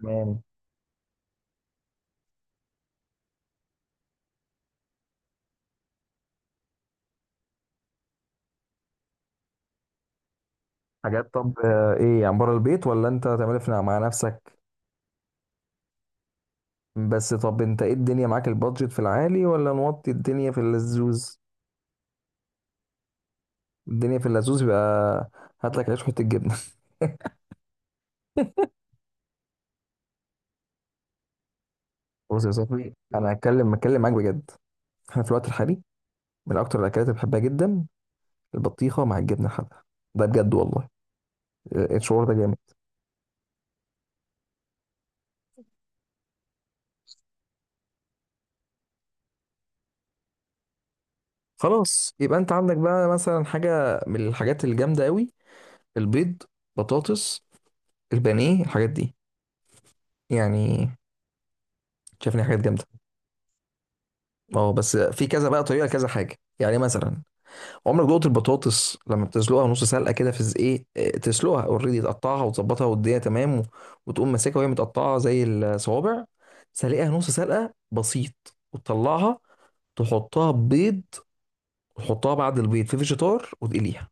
تمام. حاجات، طب ايه يعني، بره البيت ولا انت تعملها مع نفسك؟ بس طب انت ايه الدنيا، معاك البادجت في العالي ولا نوطي الدنيا في اللزوز؟ الدنيا في اللزوز يبقى، هات لك عيش وحته جبنه. بص يا صاحبي، انا هتكلم معاك بجد. احنا في الوقت الحالي، من اكتر الاكلات اللي بحبها جدا البطيخه مع الجبنه الحادقه. ده بجد والله، الشعور ده جامد. خلاص يبقى، انت عندك بقى مثلا حاجه من الحاجات الجامده قوي، البيض، بطاطس، البانيه، الحاجات دي يعني. شايف إن هي حاجات جامده. اه بس في كذا بقى طريقه، كذا حاجه يعني. مثلا عمرك دقت البطاطس لما بتسلقها نص سلقه كده؟ في ز- ايه إيه، تسلقها اوريدي، تقطعها وتظبطها والدنيا تمام، و- وتقوم ماسكها وهي متقطعه زي الصوابع، سلقها نص سلقه بسيط وتطلعها، تحطها بيض، وتحطها بعد البيض في فيجيتار وتقليها.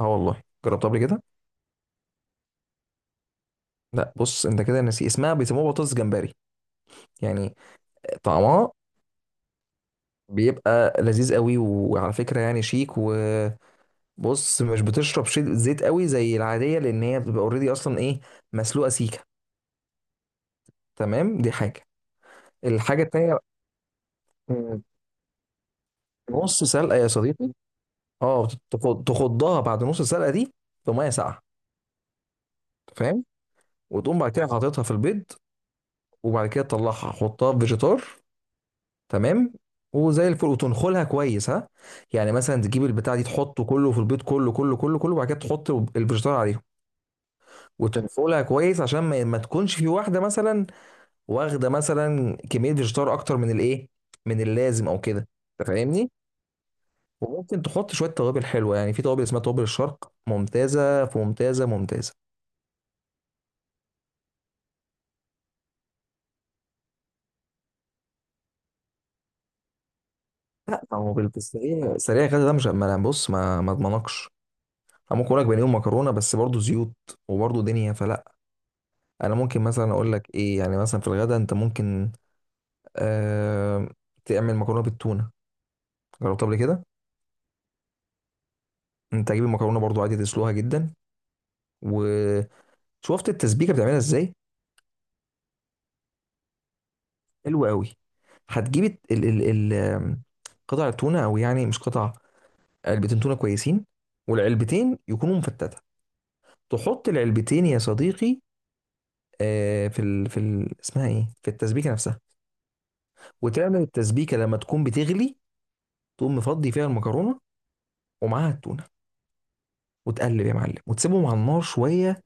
اه والله، جربتها قبل كده. لا بص، انت كده ناسي اسمها، بيسموها بطاطس جمبري يعني. طعمها بيبقى لذيذ قوي، وعلى فكره يعني شيك. و بص، مش بتشرب زيت قوي زي العاديه، لان هي بتبقى اوريدي اصلا، ايه، مسلوقه سيكه. تمام، دي حاجه. الحاجه التانيه، مم، نص سلقه يا صديقي. اه، تخضها بعد نص سلقه دي في ميه ساقعه، فاهم، وتقوم بعد كده حاططها في البيض، وبعد كده تطلعها حطها في فيجيتار، تمام، وزي الفل. وتنخلها كويس، ها، يعني مثلا تجيب البتاع دي تحطه كله في البيض، كله كله كله كله، وبعد كده تحط الفيجيتار عليهم وتنخلها كويس، عشان ما تكونش في واحده مثلا واخده مثلا كميه فيجيتار اكتر من الايه، من اللازم او كده، انت فاهمني. وممكن تحط شويه توابل حلوه، يعني في توابل اسمها توابل الشرق، ممتازه في، ممتازه ممتازه. او بالسريع سريع كده، ده مش، ما أنا بص ما اضمنكش. أنا ممكن اقول لك بانيه ومكرونه، بس برضه زيوت، وبرضه دنيا فلا. انا ممكن مثلا اقول لك ايه، يعني مثلا في الغدا انت ممكن آه تعمل مكرونه بالتونه. جربتها قبل كده؟ انت هتجيب المكرونه برضه عادي، تسلوها جدا، وشفت التسبيكه بتعملها ازاي. حلو قوي. هتجيب ال قطع التونه، او يعني مش قطع، علبتين تونه كويسين، والعلبتين يكونوا مفتته. تحط العلبتين يا صديقي، في ال اسمها ايه، في التسبيكه نفسها. وتعمل التسبيكه، لما تكون بتغلي تقوم مفضي فيها المكرونه ومعاها التونه، وتقلب يا معلم وتسيبهم على النار شويه،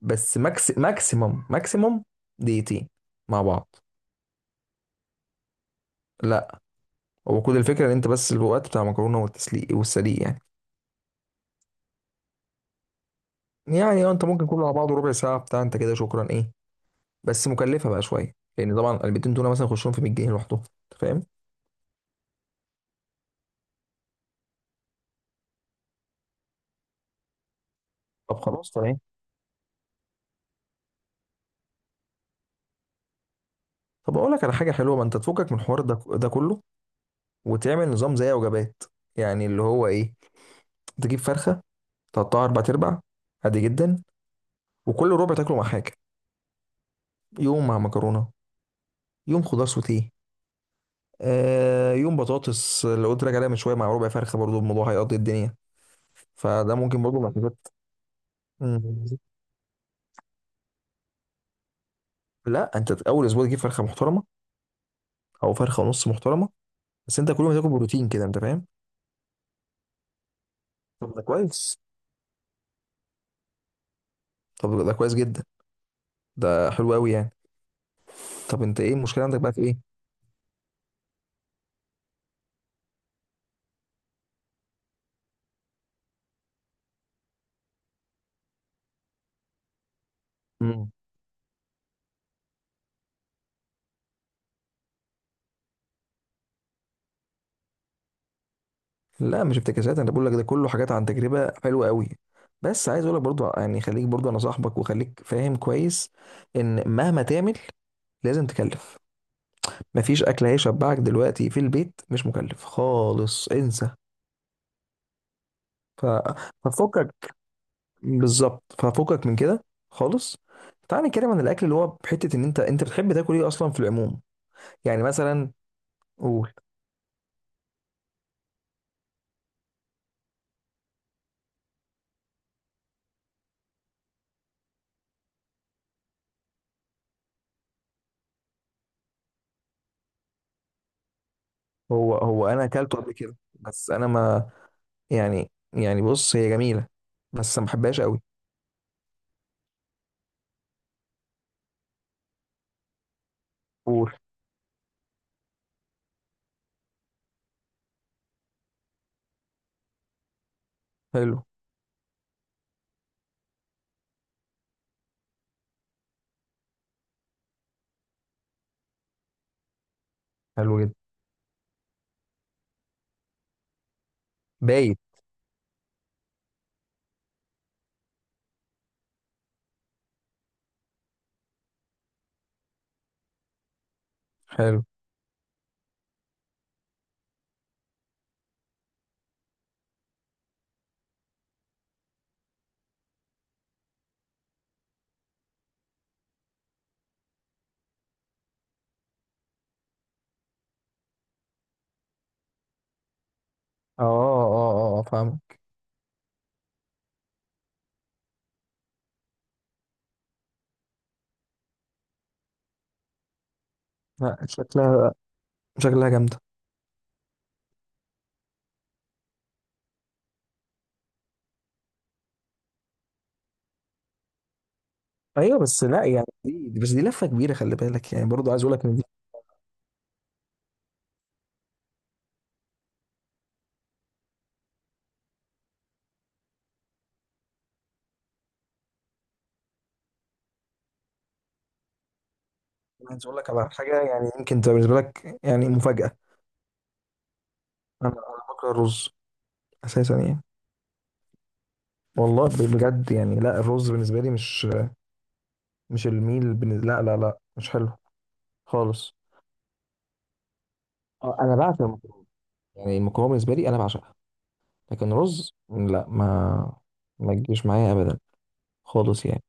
بس ماكسيمم دقيقتين مع بعض. لا، هو كل الفكره ان انت بس الوقت بتاع المكرونه والتسليق، والسليق يعني. يعني اه، انت ممكن كله على بعضه ربع ساعه بتاع، انت كده شكرا، ايه. بس مكلفه بقى شويه، لان طبعا علبتين تونه مثلا يخشهم في 100 جنيه لوحدهم، انت فاهم. طب خلاص، تمام. طب اقول لك على حاجه حلوه، ما انت تفكك من الحوار ده كله، وتعمل نظام زي وجبات، يعني اللي هو ايه، تجيب فرخه تقطعها اربع ارباع عادي جدا، وكل ربع تاكله مع حاجه. يوم مع مكرونه، يوم خضار سوتيه، يوم بطاطس اللي قلت لك عليها من شويه مع ربع فرخه، برضو الموضوع هيقضي الدنيا. فده ممكن برضو من الحاجات. لا، انت اول اسبوع تجيب فرخه محترمه او فرخه ونص محترمه، بس انت كل يوم تاكل بروتين كده، انت فاهم. طب ده كويس، طب ده كويس جدا، ده حلو قوي يعني. طب انت ايه المشكله عندك بقى، في ايه؟ مم. لا، مش افتكاسات، انا بقول لك ده كله حاجات عن تجربه حلوه قوي. بس عايز اقول لك برضو، يعني خليك، برضو انا صاحبك وخليك فاهم كويس، ان مهما تعمل لازم تكلف. مفيش اكل هيشبعك دلوقتي في البيت مش مكلف خالص، انسى. ف... ففكك بالظبط، ففكك من كده خالص. تعالى نتكلم عن الاكل اللي هو بحته، ان انت بتحب تاكل ايه اصلا في العموم، يعني مثلا، قول. هو انا اكلته قبل كده، بس انا ما، يعني بص هي جميله بس ما بحبهاش قوي. قول. حلو. حلو جدا. بايت. حلو. اه فاهم. شكلها شكلها جامده. ايوه، بس لا يعني، بس دي لفه كبيره، خلي بالك يعني، برضو عايز اقول لك ان دي. عايز اقول لك على حاجه، يعني يمكن تبقى بالنسبه لك يعني مفاجاه، انا بكره الرز اساسا يعني. والله، بجد يعني، لا الرز بالنسبه لي مش الميل بالنسبة، لا لا لا، مش حلو خالص. اه انا بعشق المكرونه، يعني المكرونه بالنسبه لي انا بعشقها. لكن رز لا، ما تجيش معايا ابدا خالص يعني.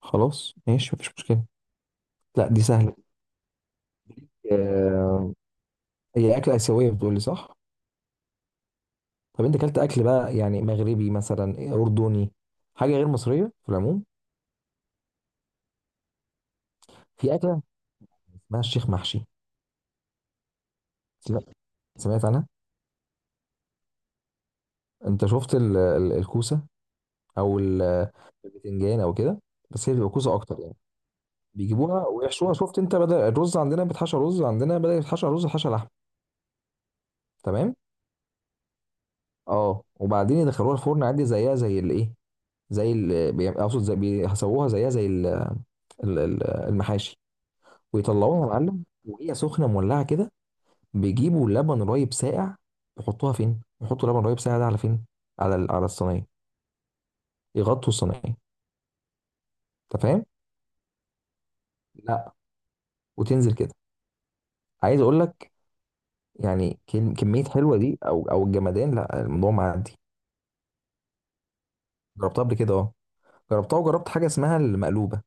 خلاص ماشي، مفيش مشكله. لا دي سهله، آه، هي اكله اسيويه بتقولي، صح؟ طب انت اكلت اكل بقى يعني مغربي مثلا، اردني، حاجه غير مصريه في العموم. في اكله اسمها الشيخ محشي، سمعت سمعت عنها. انت شفت الكوسه، او البتنجان او كده، بس هي بتبقى كوسه اكتر يعني. بيجيبوها ويحشوها، شفت انت، بدل الرز عندنا بيتحشى رز، عندنا بدل يتحشى رز حشى لحم. تمام. اه، وبعدين يدخلوها الفرن عادي، زيها زي الايه، اقصد زي بيسووها، زيها زي المحاشي. ويطلعوها يا معلم، وهي سخنه مولعه كده، بيجيبوا لبن رايب ساقع، يحطوها فين؟ يحطوا لبن رايب ساقع ده على فين؟ على على الصينيه، يغطوا الصينيه، انت فاهم؟ لا. وتنزل كده. عايز اقول لك يعني، كمية حلوة دي، أو الجمدان، لا الموضوع معدي. جربتها قبل كده أه، جربتها وجربت حاجة اسمها المقلوبة.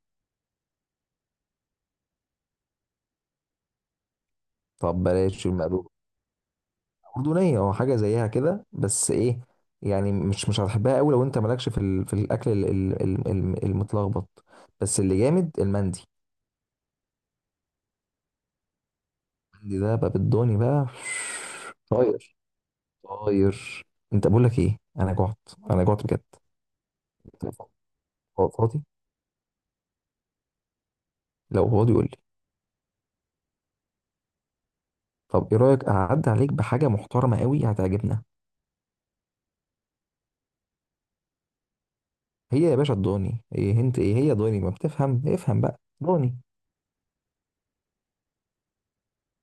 طب بلاش المقلوبة، أردنية أه، حاجة زيها كده، بس إيه، يعني مش هتحبها قوي لو أنت مالكش في في الأكل المتلخبط. بس اللي جامد المندي. المندي ده بقى بالدوني بقى. طاير، طاير. أنت بقول لك إيه، أنا جعت، أنا جعت بجد. فاضي؟ لو فاضي قول لي. طب إيه رأيك، أعدي عليك بحاجة محترمة قوي، هتعجبنا. هي يا باشا الضاني، ايه انت ايه هي، ضاني، ما بتفهم، افهم بقى ضاني.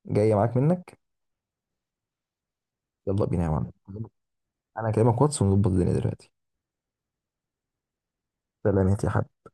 جايه معاك منك. يلا بينا يا معلم، انا كلامك واتس ونظبط الدنيا دلوقتي. سلامات يا حبيبي.